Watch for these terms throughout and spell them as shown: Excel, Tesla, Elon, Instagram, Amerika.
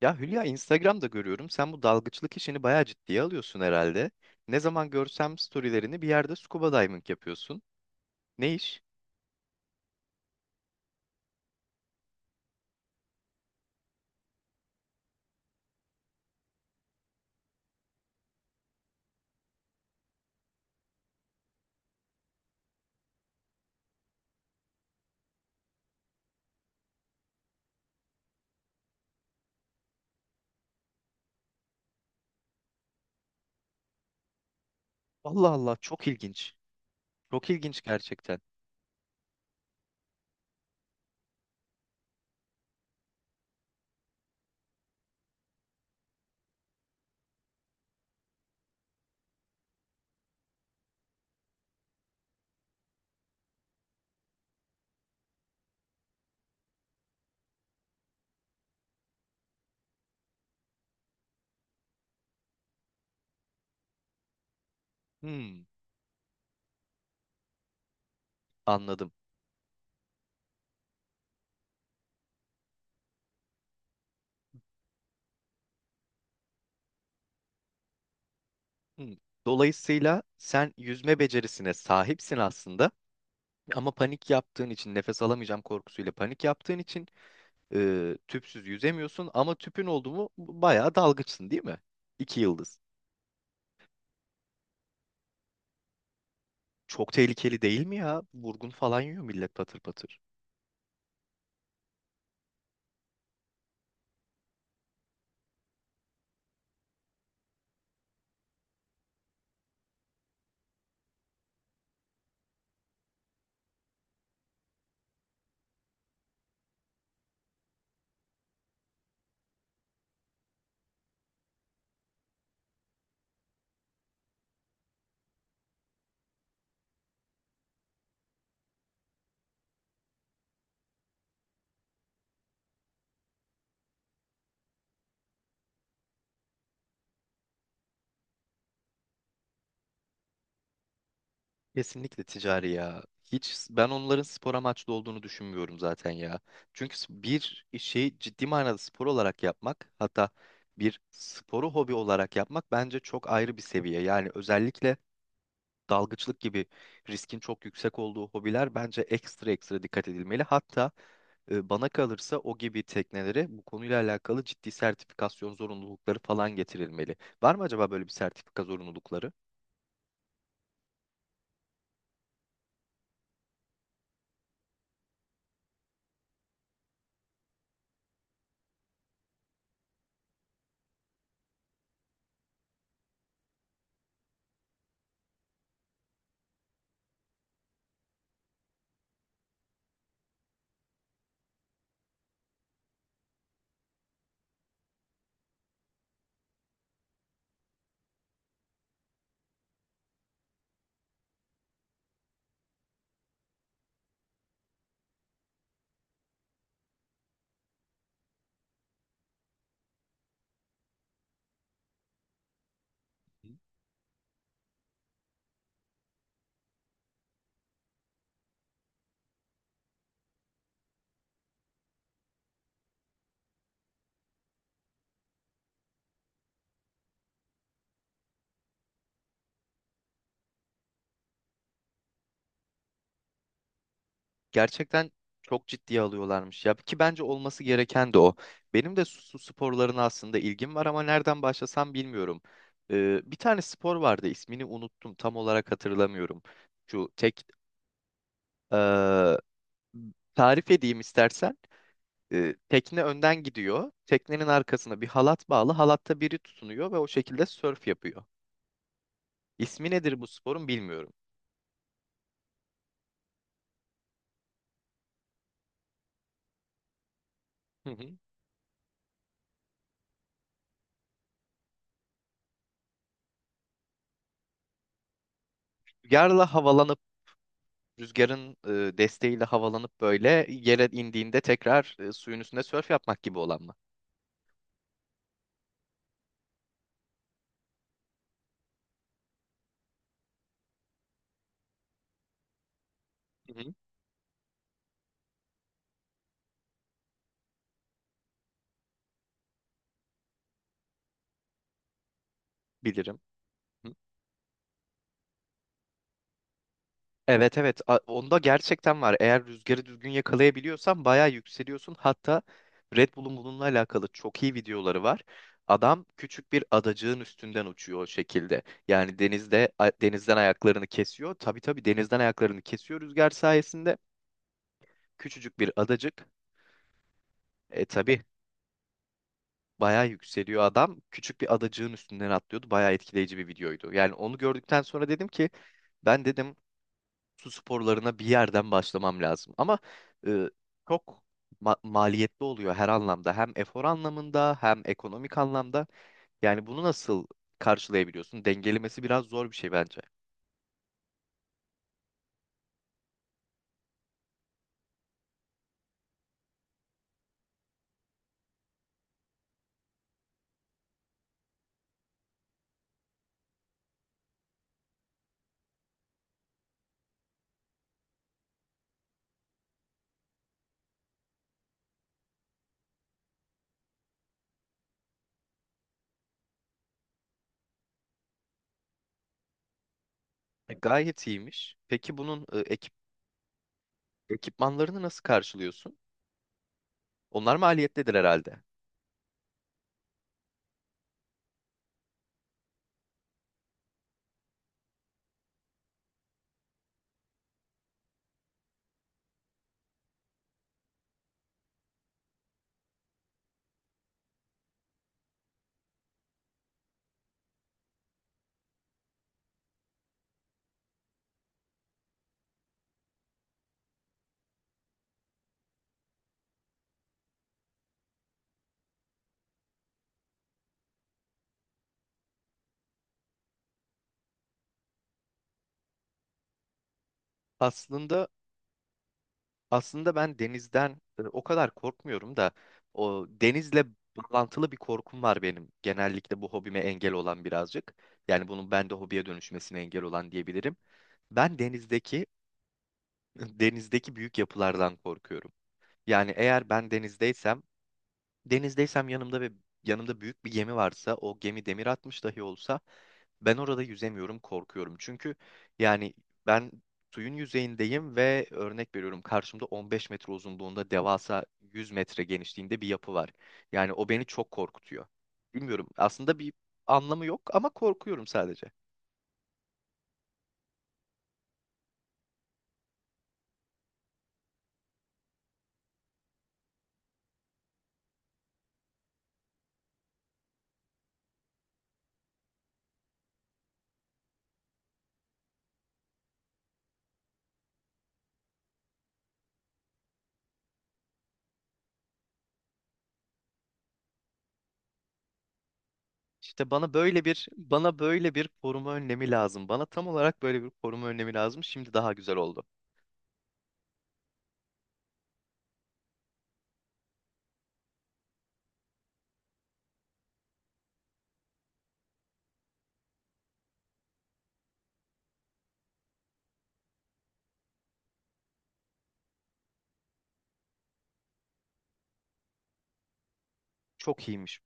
Ya Hülya, Instagram'da görüyorum. Sen bu dalgıçlık işini bayağı ciddiye alıyorsun herhalde. Ne zaman görsem storylerini bir yerde scuba diving yapıyorsun. Ne iş? Allah Allah, çok ilginç. Çok ilginç gerçekten. Hmm, anladım. Hmm. Dolayısıyla sen yüzme becerisine sahipsin aslında. Ama panik yaptığın için, nefes alamayacağım korkusuyla panik yaptığın için tüpsüz yüzemiyorsun. Ama tüpün oldu mu bayağı dalgıçsın, değil mi? İki yıldız. Çok tehlikeli değil mi ya? Vurgun falan yiyor millet, patır patır. Kesinlikle ticari ya. Hiç ben onların spor amaçlı olduğunu düşünmüyorum zaten ya. Çünkü bir şeyi ciddi manada spor olarak yapmak, hatta bir sporu hobi olarak yapmak bence çok ayrı bir seviye. Yani özellikle dalgıçlık gibi riskin çok yüksek olduğu hobiler bence ekstra ekstra dikkat edilmeli. Hatta bana kalırsa o gibi teknelere bu konuyla alakalı ciddi sertifikasyon zorunlulukları falan getirilmeli. Var mı acaba böyle bir sertifika zorunlulukları? Gerçekten çok ciddiye alıyorlarmış ya, ki bence olması gereken de o. Benim de su sporlarına aslında ilgim var ama nereden başlasam bilmiyorum. Bir tane spor vardı, ismini unuttum, tam olarak hatırlamıyorum. Şu tek eee, tarif edeyim istersen. Tekne önden gidiyor. Teknenin arkasına bir halat bağlı. Halatta biri tutunuyor ve o şekilde sörf yapıyor. İsmi nedir bu sporun, bilmiyorum. Hı hı. Rüzgarla havalanıp rüzgarın desteğiyle havalanıp böyle yere indiğinde tekrar suyun üstünde sörf yapmak gibi olan mı? Hı hı. Bilirim. Hı. Evet, evet. Onda gerçekten var. Eğer rüzgarı düzgün yakalayabiliyorsan bayağı yükseliyorsun. Hatta Red Bull'un bununla alakalı çok iyi videoları var. Adam küçük bir adacığın üstünden uçuyor o şekilde. Yani denizde denizden ayaklarını kesiyor. Tabii, tabii, denizden ayaklarını kesiyor rüzgar sayesinde. Küçücük bir adacık. E tabii, bayağı yükseliyor adam. Küçük bir adacığın üstünden atlıyordu. Bayağı etkileyici bir videoydu. Yani onu gördükten sonra dedim ki, ben dedim, su sporlarına bir yerden başlamam lazım. Ama e, çok maliyetli oluyor her anlamda. Hem efor anlamında hem ekonomik anlamda. Yani bunu nasıl karşılayabiliyorsun? Dengelemesi biraz zor bir şey bence. Gayet iyiymiş. Peki bunun ekipmanlarını nasıl karşılıyorsun? Onlar maliyetlidir herhalde. Aslında Aslında ben denizden o kadar korkmuyorum da o denizle bağlantılı bir korkum var benim. Genellikle bu hobime engel olan birazcık. Yani bunun bende hobiye dönüşmesine engel olan diyebilirim. Ben denizdeki denizdeki büyük yapılardan korkuyorum. Yani eğer ben denizdeysem yanımda ve yanımda büyük bir gemi varsa, o gemi demir atmış dahi olsa ben orada yüzemiyorum, korkuyorum. Çünkü yani ben suyun yüzeyindeyim ve örnek veriyorum, karşımda 15 metre uzunluğunda devasa 100 metre genişliğinde bir yapı var. Yani o beni çok korkutuyor. Bilmiyorum. Aslında bir anlamı yok ama korkuyorum sadece. İşte bana böyle bir koruma önlemi lazım. Bana tam olarak böyle bir koruma önlemi lazım. Şimdi daha güzel oldu. Çok iyiymiş.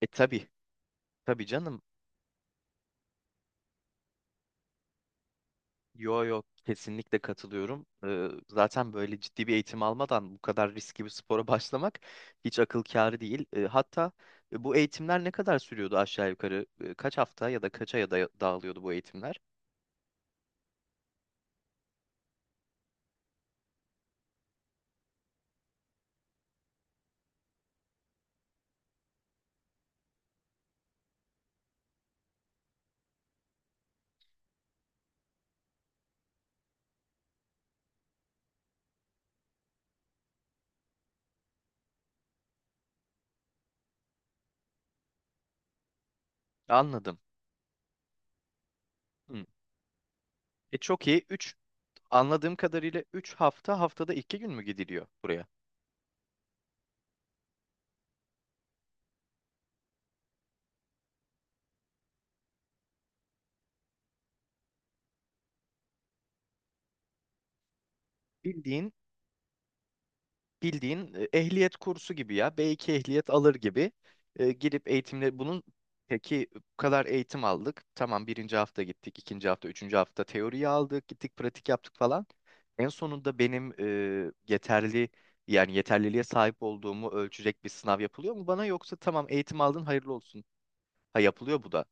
E tabii. Tabii canım. Yo, yo, kesinlikle katılıyorum. Zaten böyle ciddi bir eğitim almadan bu kadar riskli bir spora başlamak hiç akıl kârı değil. Hatta bu eğitimler ne kadar sürüyordu aşağı yukarı? Kaç hafta ya da kaça ya da dağılıyordu bu eğitimler? Anladım. Hı. E çok iyi. 3, anladığım kadarıyla 3 hafta haftada 2 gün mü gidiliyor buraya? Bildiğin bildiğin ehliyet kursu gibi ya. B2 ehliyet alır gibi gidip eğitimle bunun. Peki bu kadar eğitim aldık. Tamam, birinci hafta gittik, ikinci hafta, üçüncü hafta teoriyi aldık, gittik pratik yaptık falan. En sonunda benim e, yeterli yani yeterliliğe sahip olduğumu ölçecek bir sınav yapılıyor mu bana, yoksa tamam, eğitim aldın, hayırlı olsun. Ha, yapılıyor bu da.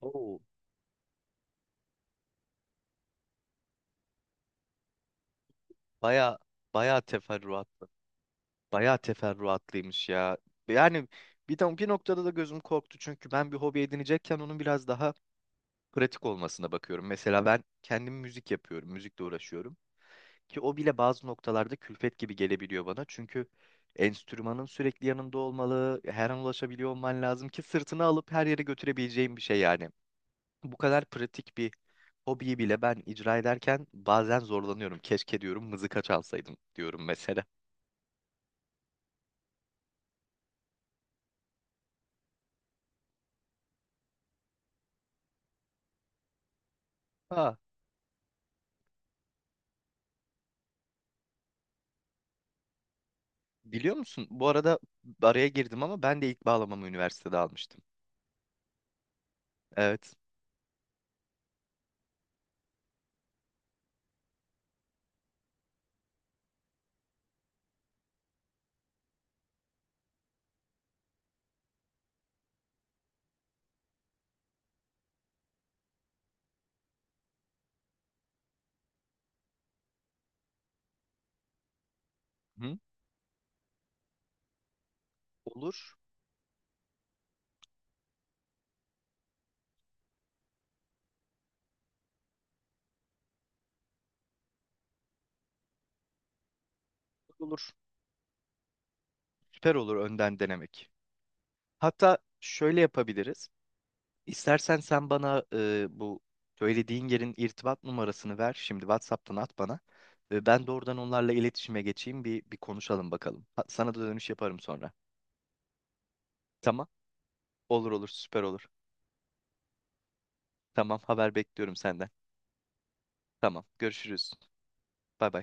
Oo, baya baya teferruat. Bayağı teferruatlıymış ya. Yani bir noktada da gözüm korktu, çünkü ben bir hobi edinecekken onun biraz daha pratik olmasına bakıyorum. Mesela ben kendim müzik yapıyorum, müzikle uğraşıyorum. Ki o bile bazı noktalarda külfet gibi gelebiliyor bana. Çünkü enstrümanın sürekli yanında olmalı, her an ulaşabiliyor olman lazım ki sırtını alıp her yere götürebileceğin bir şey yani. Bu kadar pratik bir hobiyi bile ben icra ederken bazen zorlanıyorum. Keşke diyorum, mızıka çalsaydım diyorum mesela. Ha. Biliyor musun? Bu arada araya girdim ama ben de ilk bağlamamı üniversitede almıştım. Evet. Hı? Olur. Olur. Süper olur önden denemek. Hatta şöyle yapabiliriz. İstersen sen bana bu söylediğin yerin irtibat numarasını ver. Şimdi WhatsApp'tan at bana. Ben doğrudan onlarla iletişime geçeyim. Bir konuşalım bakalım. Sana da dönüş yaparım sonra. Tamam. Olur, olur, süper olur. Tamam, haber bekliyorum senden. Tamam, görüşürüz. Bay bay.